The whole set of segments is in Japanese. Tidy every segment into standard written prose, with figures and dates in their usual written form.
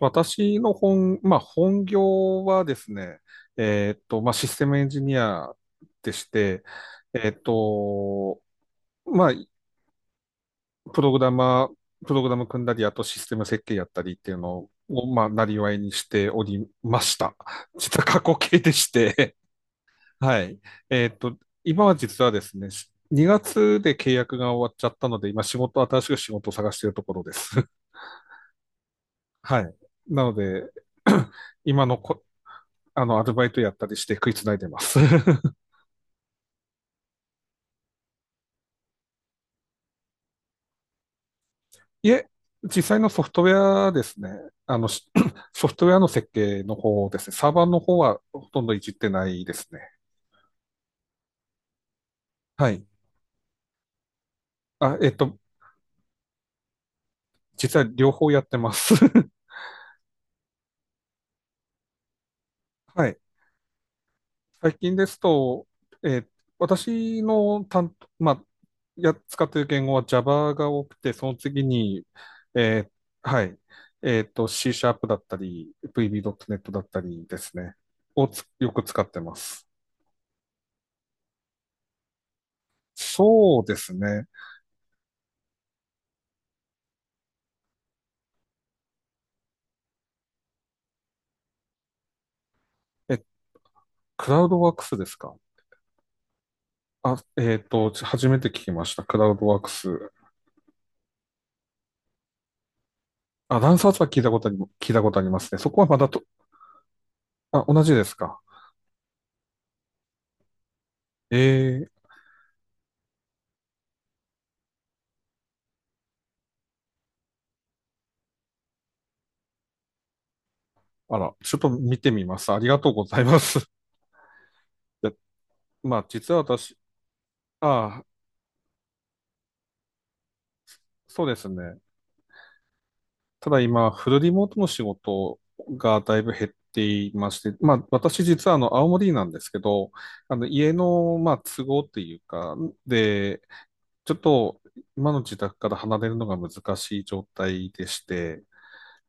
私の本、まあ、本業はですね、まあ、システムエンジニアでして、えーっと、まあ、プログラマー、プログラム組んだり、あとシステム設計やったりっていうのを、まあ、なりわいにしておりました。実は過去形でして、はい。えーっと、今は実はですね、2月で契約が終わっちゃったので、今仕事、新しく仕事を探しているところです。はい。なので、今のこあの、アルバイトやったりして食いつないでます。いえ、実際のソフトウェアですね。あの、し ソフトウェアの設計の方ですね。サーバーの方はほとんどいじってないですね。はい。あ、えっと、実は両方やってます。はい。最近ですと、えー私の担当、まあ、使っている言語は Java が多くて、その次に、はい。えっと、C シャープだったり、VB.net だったりですね。をつよく使ってます。そうですね。え、クラウドワークスですか？あ、えっと、初めて聞きました。クラウドワークス。あ、ランサーズは聞いたことありますね。そこはまだと、あ、同じですか。ええ、あら、ちょっと見てみます。ありがとうございます。いや、まあ、実は私、ああ、そうですね。ただ今、フルリモートの仕事がだいぶ減っていまして、まあ、私実はあの、青森なんですけど、あの、家の、まあ、都合っていうか、で、ちょっと今の自宅から離れるのが難しい状態でして、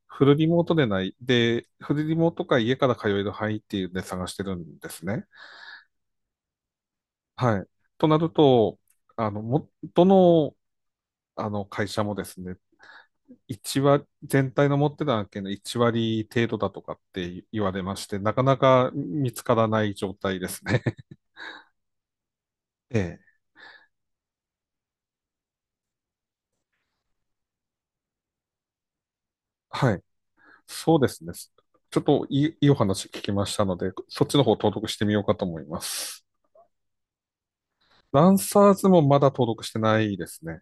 フルリモートでない、で、フルリモートか家から通える範囲っていうので探してるんですね。はい。となると、あの、も、どの、あの会社もですね、全体の持ってた案件の1割程度だとかって言われまして、なかなか見つからない状態ですね。ええ。はい。そうですね。ちょっといいお話聞きましたので、そっちの方登録してみようかと思います。ランサーズもまだ登録してないですね。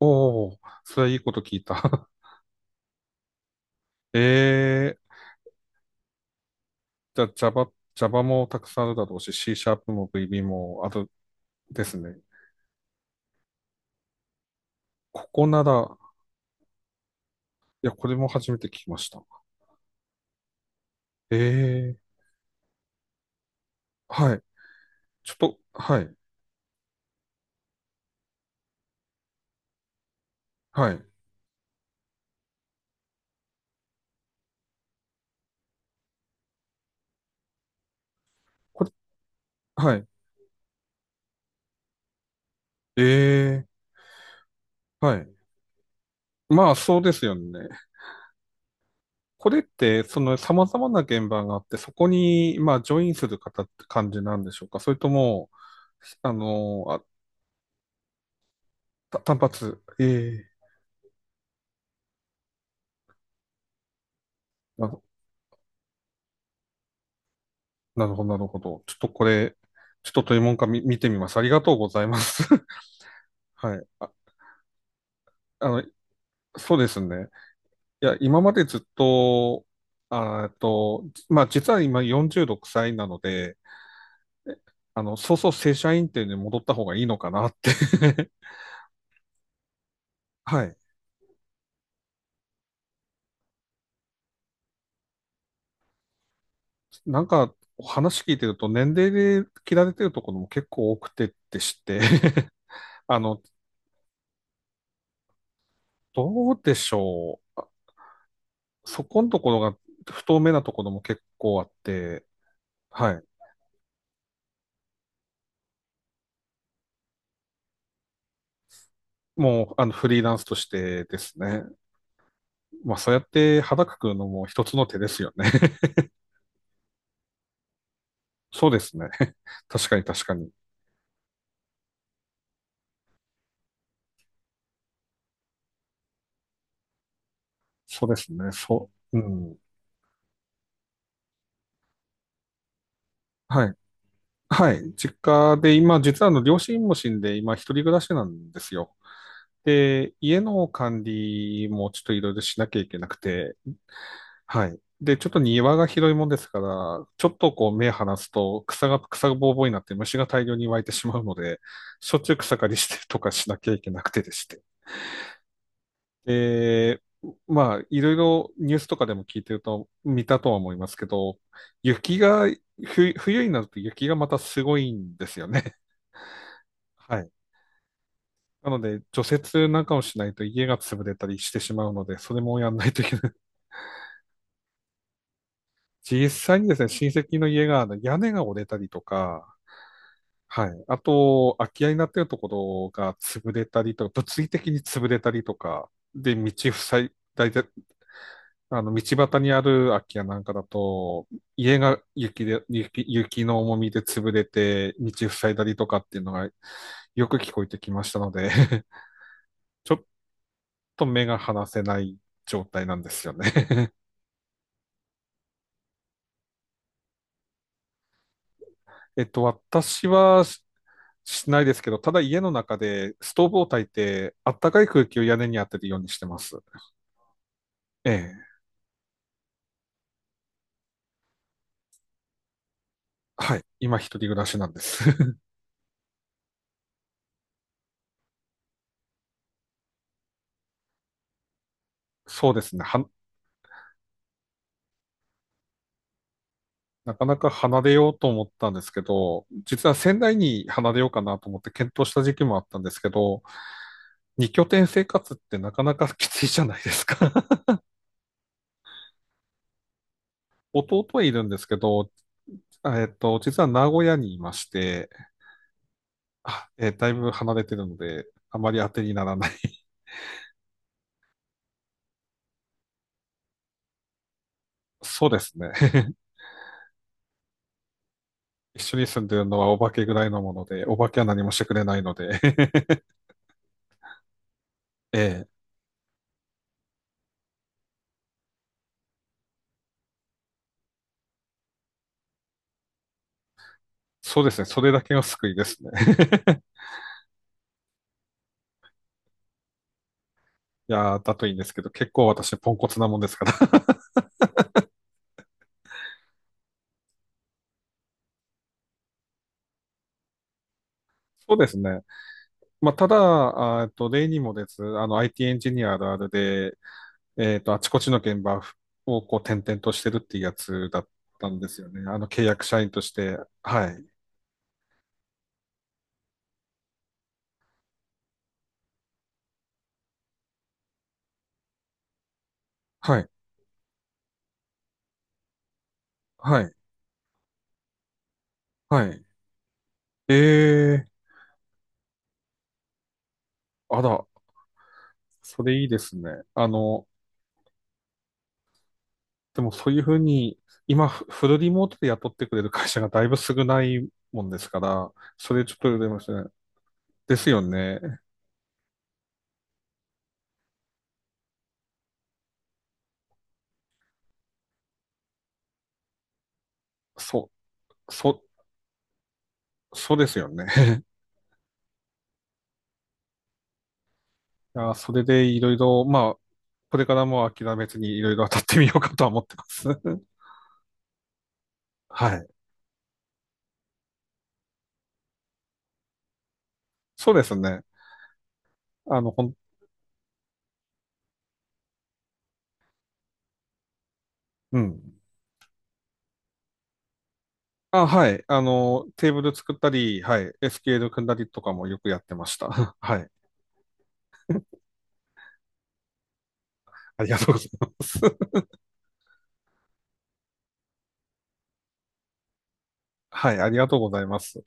おお、それはいいこと聞いた。ええー、じゃあ Java、Java もたくさんあるだろうし、C シャープも VB もあるですね。ここなら、いや、これも初めて聞きました。ええー、はい。ちょっと、はい、はい。これ、はい。ええー、はい。まあ、そうですよね。これって、その様々な現場があって、そこに、まあ、ジョインする方って感じなんでしょうか？それとも、あの、あ、単発。ええ、なるなるほど、なるほど。ちょっとこれ、ちょっとというもんかみ見てみます。ありがとうございます。はい。あ、あの、そうですね。いや、今までずっと、まあ、実は今46歳なので、えあの、そうそう正社員っていうのに戻った方がいいのかなって はい。なんか、話聞いてると年齢で切られてるところも結構多くてってして あの、どうでしょう。そこのところが不透明なところも結構あって、はい。もう、あの、フリーランスとしてですね。まあ、そうやって肌くくるのも一つの手ですよね。そうですね。確かに確かに。そうですね。そう。うん。はい。はい。実家で今、実はあの、両親も死んで、今、一人暮らしなんですよ。で、家の管理もちょっといろいろしなきゃいけなくて、はい。で、ちょっと庭が広いもんですから、ちょっとこう目離すと草がぼうぼうになって虫が大量に湧いてしまうので、しょっちゅう草刈りしてとかしなきゃいけなくてでして。で、まあ、いろいろニュースとかでも聞いてると、見たとは思いますけど、雪が、ふ、冬になると雪がまたすごいんですよね。はい。なので、除雪なんかをしないと家が潰れたりしてしまうので、それもやんないといけない。実際にですね、親戚の家があの屋根が折れたりとか、はい。あと、空き家になっているところが潰れたりとか、物理的に潰れたりとか、で、道塞い、大体、あの、道端にある空き家なんかだと、家が雪で、雪の重みで潰れて、道塞いだりとかっていうのがよく聞こえてきましたので ちょっと目が離せない状態なんですよね。えっと、私はしないですけど、ただ家の中でストーブを焚いて、あったかい空気を屋根に当てるようにしてます。ええ。はい。今一人暮らしなんです。そうですね。なかなか離れようと思ったんですけど、実は仙台に離れようかなと思って検討した時期もあったんですけど、二拠点生活ってなかなかきついじゃないですか。弟はいるんですけど、実は名古屋にいまして、だいぶ離れてるので、あまり当てにならない。そうですね。一緒に住んでるのはお化けぐらいのもので、お化けは何もしてくれないので、ええ、そうですね。それだけが救いですね。いやー、だといいんですけど、結構私ポンコツなもんですから。そうですね。まあ、ただ、例にもです、あの、IT エンジニアあるあるで、えっと、あちこちの現場をこう転々としてるっていうやつだったんですよね。あの、契約社員として。はい。はい。はい。はい。ええ、あら、それいいですね。あの、でもそういうふうに、今、フルリモートで雇ってくれる会社がだいぶ少ないもんですから、それちょっと羨ましいね。ですよね。そう、そう、そうですよね。いや、それでいろいろ、まあ、これからも諦めずにいろいろ当たってみようかとは思ってます。はい。そうですね。あの、ほん、うん。あ、はい。あの、テーブル作ったり、はい。SQL 組んだりとかもよくやってました。はい。ありがとうございます。はい、ありがとうございます。